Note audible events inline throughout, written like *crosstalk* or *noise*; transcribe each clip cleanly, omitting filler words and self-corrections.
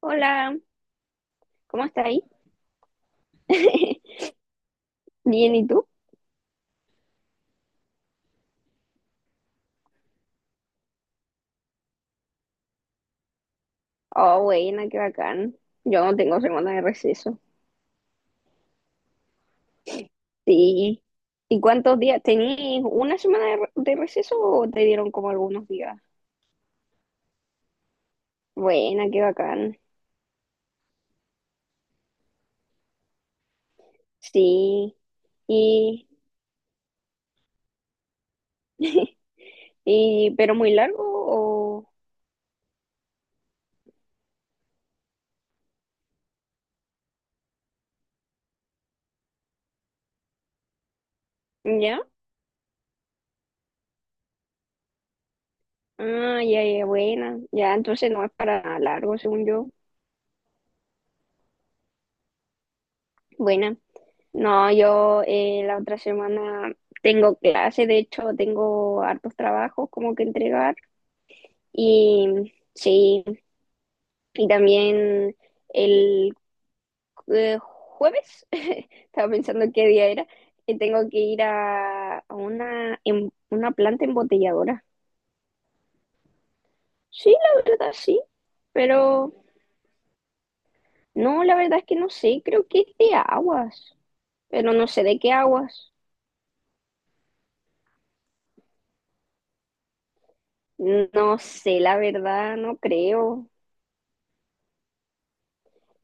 Hola, ¿cómo está ahí? *laughs* Bien, ¿y tú? Oh, buena, qué bacán. Yo no tengo semana de receso. Sí. ¿Y cuántos días? ¿Tenías una semana de receso o te dieron como algunos días? Buena, qué bacán. Sí. ¿Y, *laughs* y pero muy largo o ya? Ah, ya, ya, buena. Ya, entonces no es para largo, según yo. Buena. No, yo la otra semana tengo clase, de hecho tengo hartos trabajos como que entregar y sí, y también el jueves, *laughs* estaba pensando qué día era, que tengo que ir a, a una planta embotelladora. Sí, la verdad sí, pero no, la verdad es que no sé, creo que es de aguas, pero no sé de qué aguas. No sé, la verdad, no creo.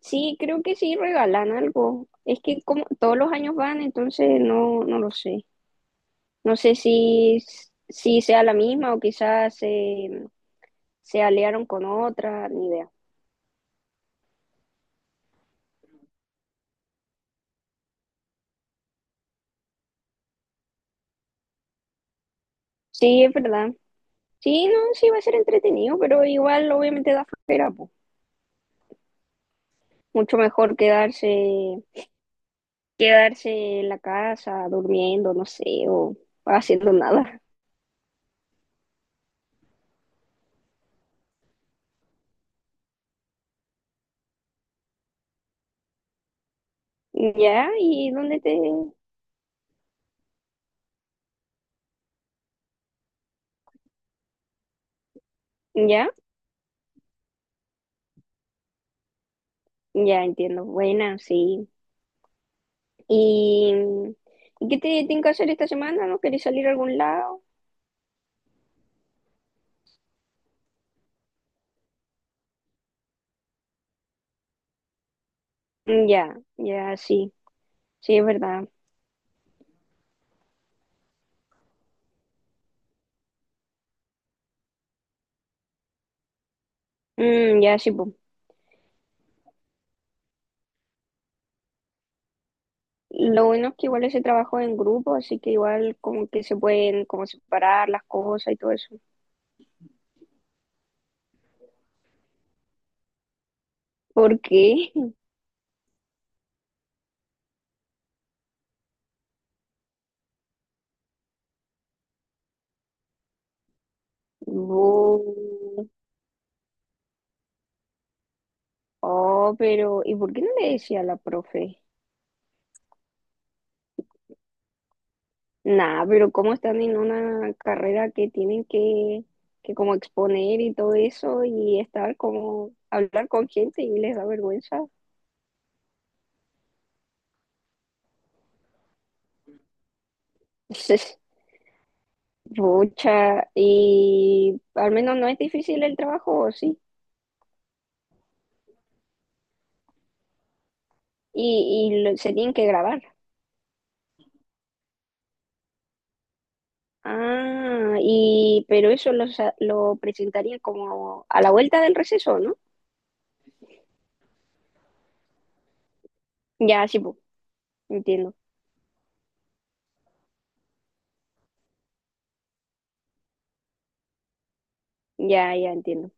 Sí, creo que sí regalan algo. Es que como todos los años van, entonces no, no lo sé. No sé si sea la misma o quizás se aliaron con otra, ni idea. Sí, es verdad. Sí, no, sí va a ser entretenido, pero igual obviamente da flojera, po. Mucho mejor quedarse en la casa durmiendo, no sé, o haciendo nada. *laughs* Ya, ¿y dónde te? Ya, ya entiendo. Buena, sí. ¿Y, ¿y qué te tienen que hacer esta semana? ¿No queréis salir a algún lado? Ya, ya, sí, sí, es verdad. Mm, ya, sí, pues. Lo bueno es que igual ese trabajo es en grupo, así que igual como que se pueden como separar las cosas y todo eso. ¿Por qué? *laughs* Bu. Oh, pero ¿y por qué no le decía a la profe? Nah, pero ¿cómo están en una carrera que tienen que como exponer y todo eso y estar como hablar con gente y les da vergüenza? *laughs* Es mucha y al menos no es difícil el trabajo, ¿o sí? Y se tienen que grabar. Ah, y pero eso lo presentarían como a la vuelta del receso, ¿no? Ya, sí, po, entiendo. Ya, ya entiendo.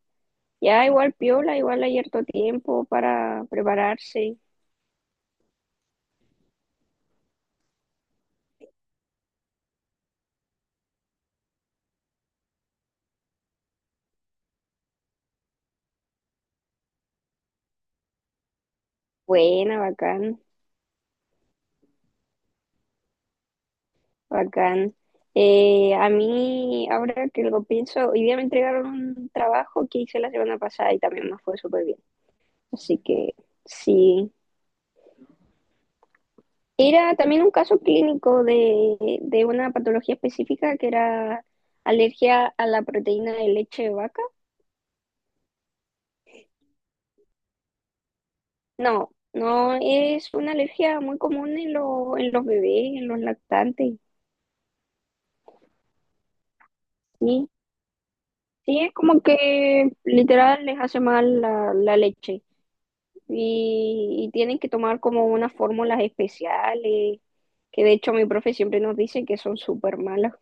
Ya igual piola, igual hay harto tiempo para prepararse. Buena, bacán, bacán. A mí, ahora que lo pienso, hoy día me entregaron un trabajo que hice la semana pasada y también me fue súper bien. Así que sí. Era también un caso clínico de una patología específica que era alergia a la proteína de leche de vaca. No, no, es una alergia muy común en los bebés, en los lactantes. Sí, sí, es como que literal les hace mal la leche y tienen que tomar como unas fórmulas especiales, que de hecho mi profe siempre nos dice que son súper malas.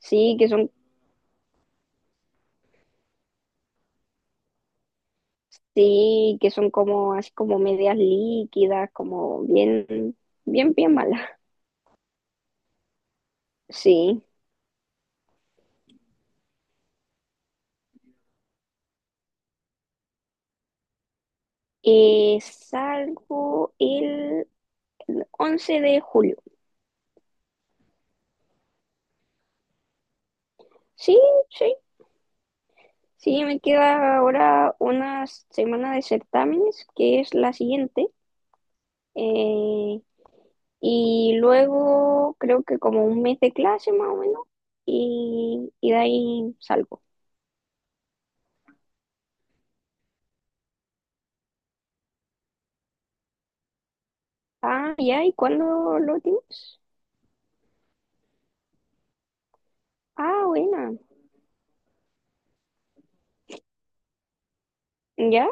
Sí, que son Sí, que son como así como medias líquidas, como bien, bien, bien malas. Sí. Salgo el 11 de julio. Sí, sí. Sí, me queda ahora una semana de certámenes, que es la siguiente. eh, y luego creo que como un mes de clase más o menos. Y de ahí salgo. Ah, ya, ¿y cuándo lo tienes? Ah, buena. ¿Ya?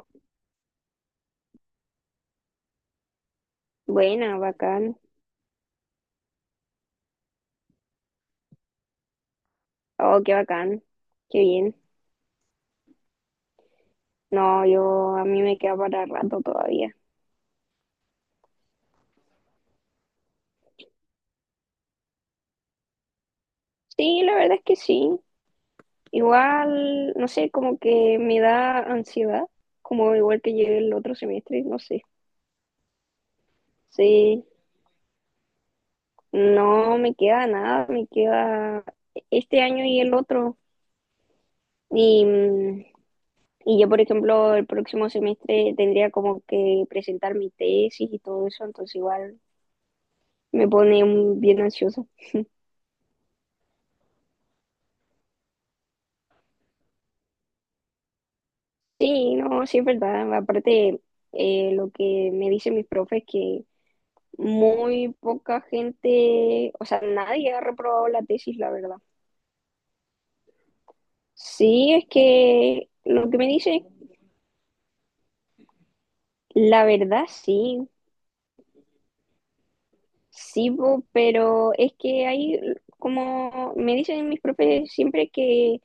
Buena, bacán. Oh, qué bacán. Qué bien. No, yo a mí me queda para rato todavía. Sí, la verdad es que sí. Igual, no sé, como que me da ansiedad, como igual que llegue el otro semestre, no sé. Sí, no me queda nada, me queda este año y el otro. Y, mm, y yo, por ejemplo, el próximo semestre tendría como que presentar mi tesis y todo eso, entonces igual me pone bien ansiosa. Sí, no, sí es verdad. Aparte, lo que me dicen mis profes es que muy poca gente, o sea, nadie ha reprobado la tesis, la verdad. Sí, es que lo que me dicen, la verdad sí, sí, po, pero es que hay, como me dicen mis profes siempre que,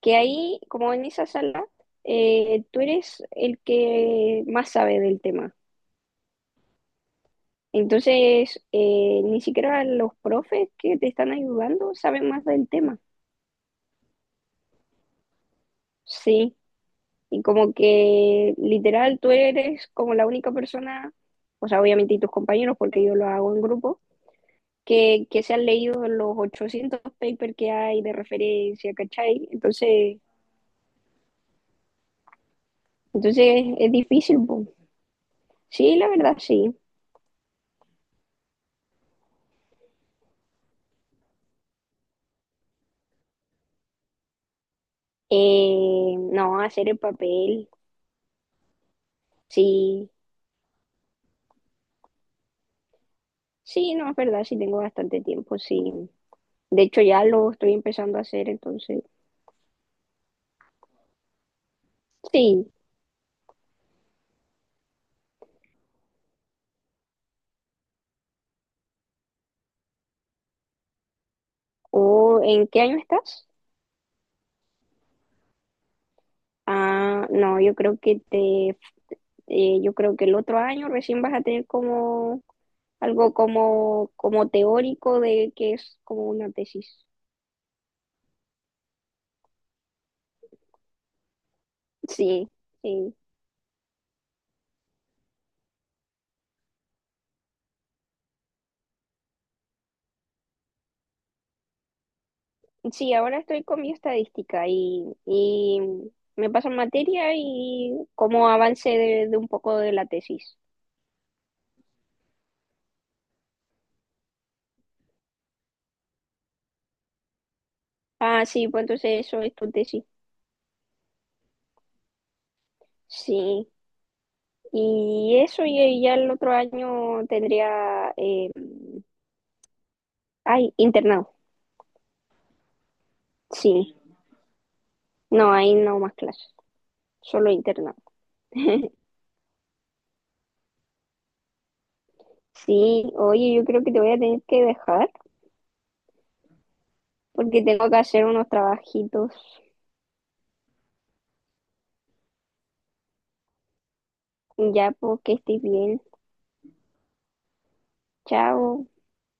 como en esa sala, tú eres el que más sabe del tema. Entonces, ni siquiera los profes que te están ayudando saben más del tema. Sí, y como que literal tú eres como la única persona, o sea, obviamente y tus compañeros, porque yo lo hago en grupo, que se han leído los 800 papers que hay de referencia, ¿cachai? Entonces es difícil, po. Sí, la verdad, sí. No, hacer el papel, sí, sí, no, es verdad, sí tengo bastante tiempo, sí. De hecho, ya lo estoy empezando a hacer, entonces, sí. ¿O en qué año estás? Ah, no, yo creo que el otro año recién vas a tener como algo como teórico de que es como una tesis. Sí, sí. Sí, ahora estoy con mi estadística y me pasan materia y como avance de un poco de la tesis. Ah, sí, pues entonces eso es tu tesis. Sí. Y eso, y ya el otro año tendría, ay, internado, sí. No, ahí no más clases, solo internado. *laughs* Sí, oye, yo creo que te voy a tener que dejar porque tengo que hacer unos trabajitos. Ya, porque estés bien. Chao.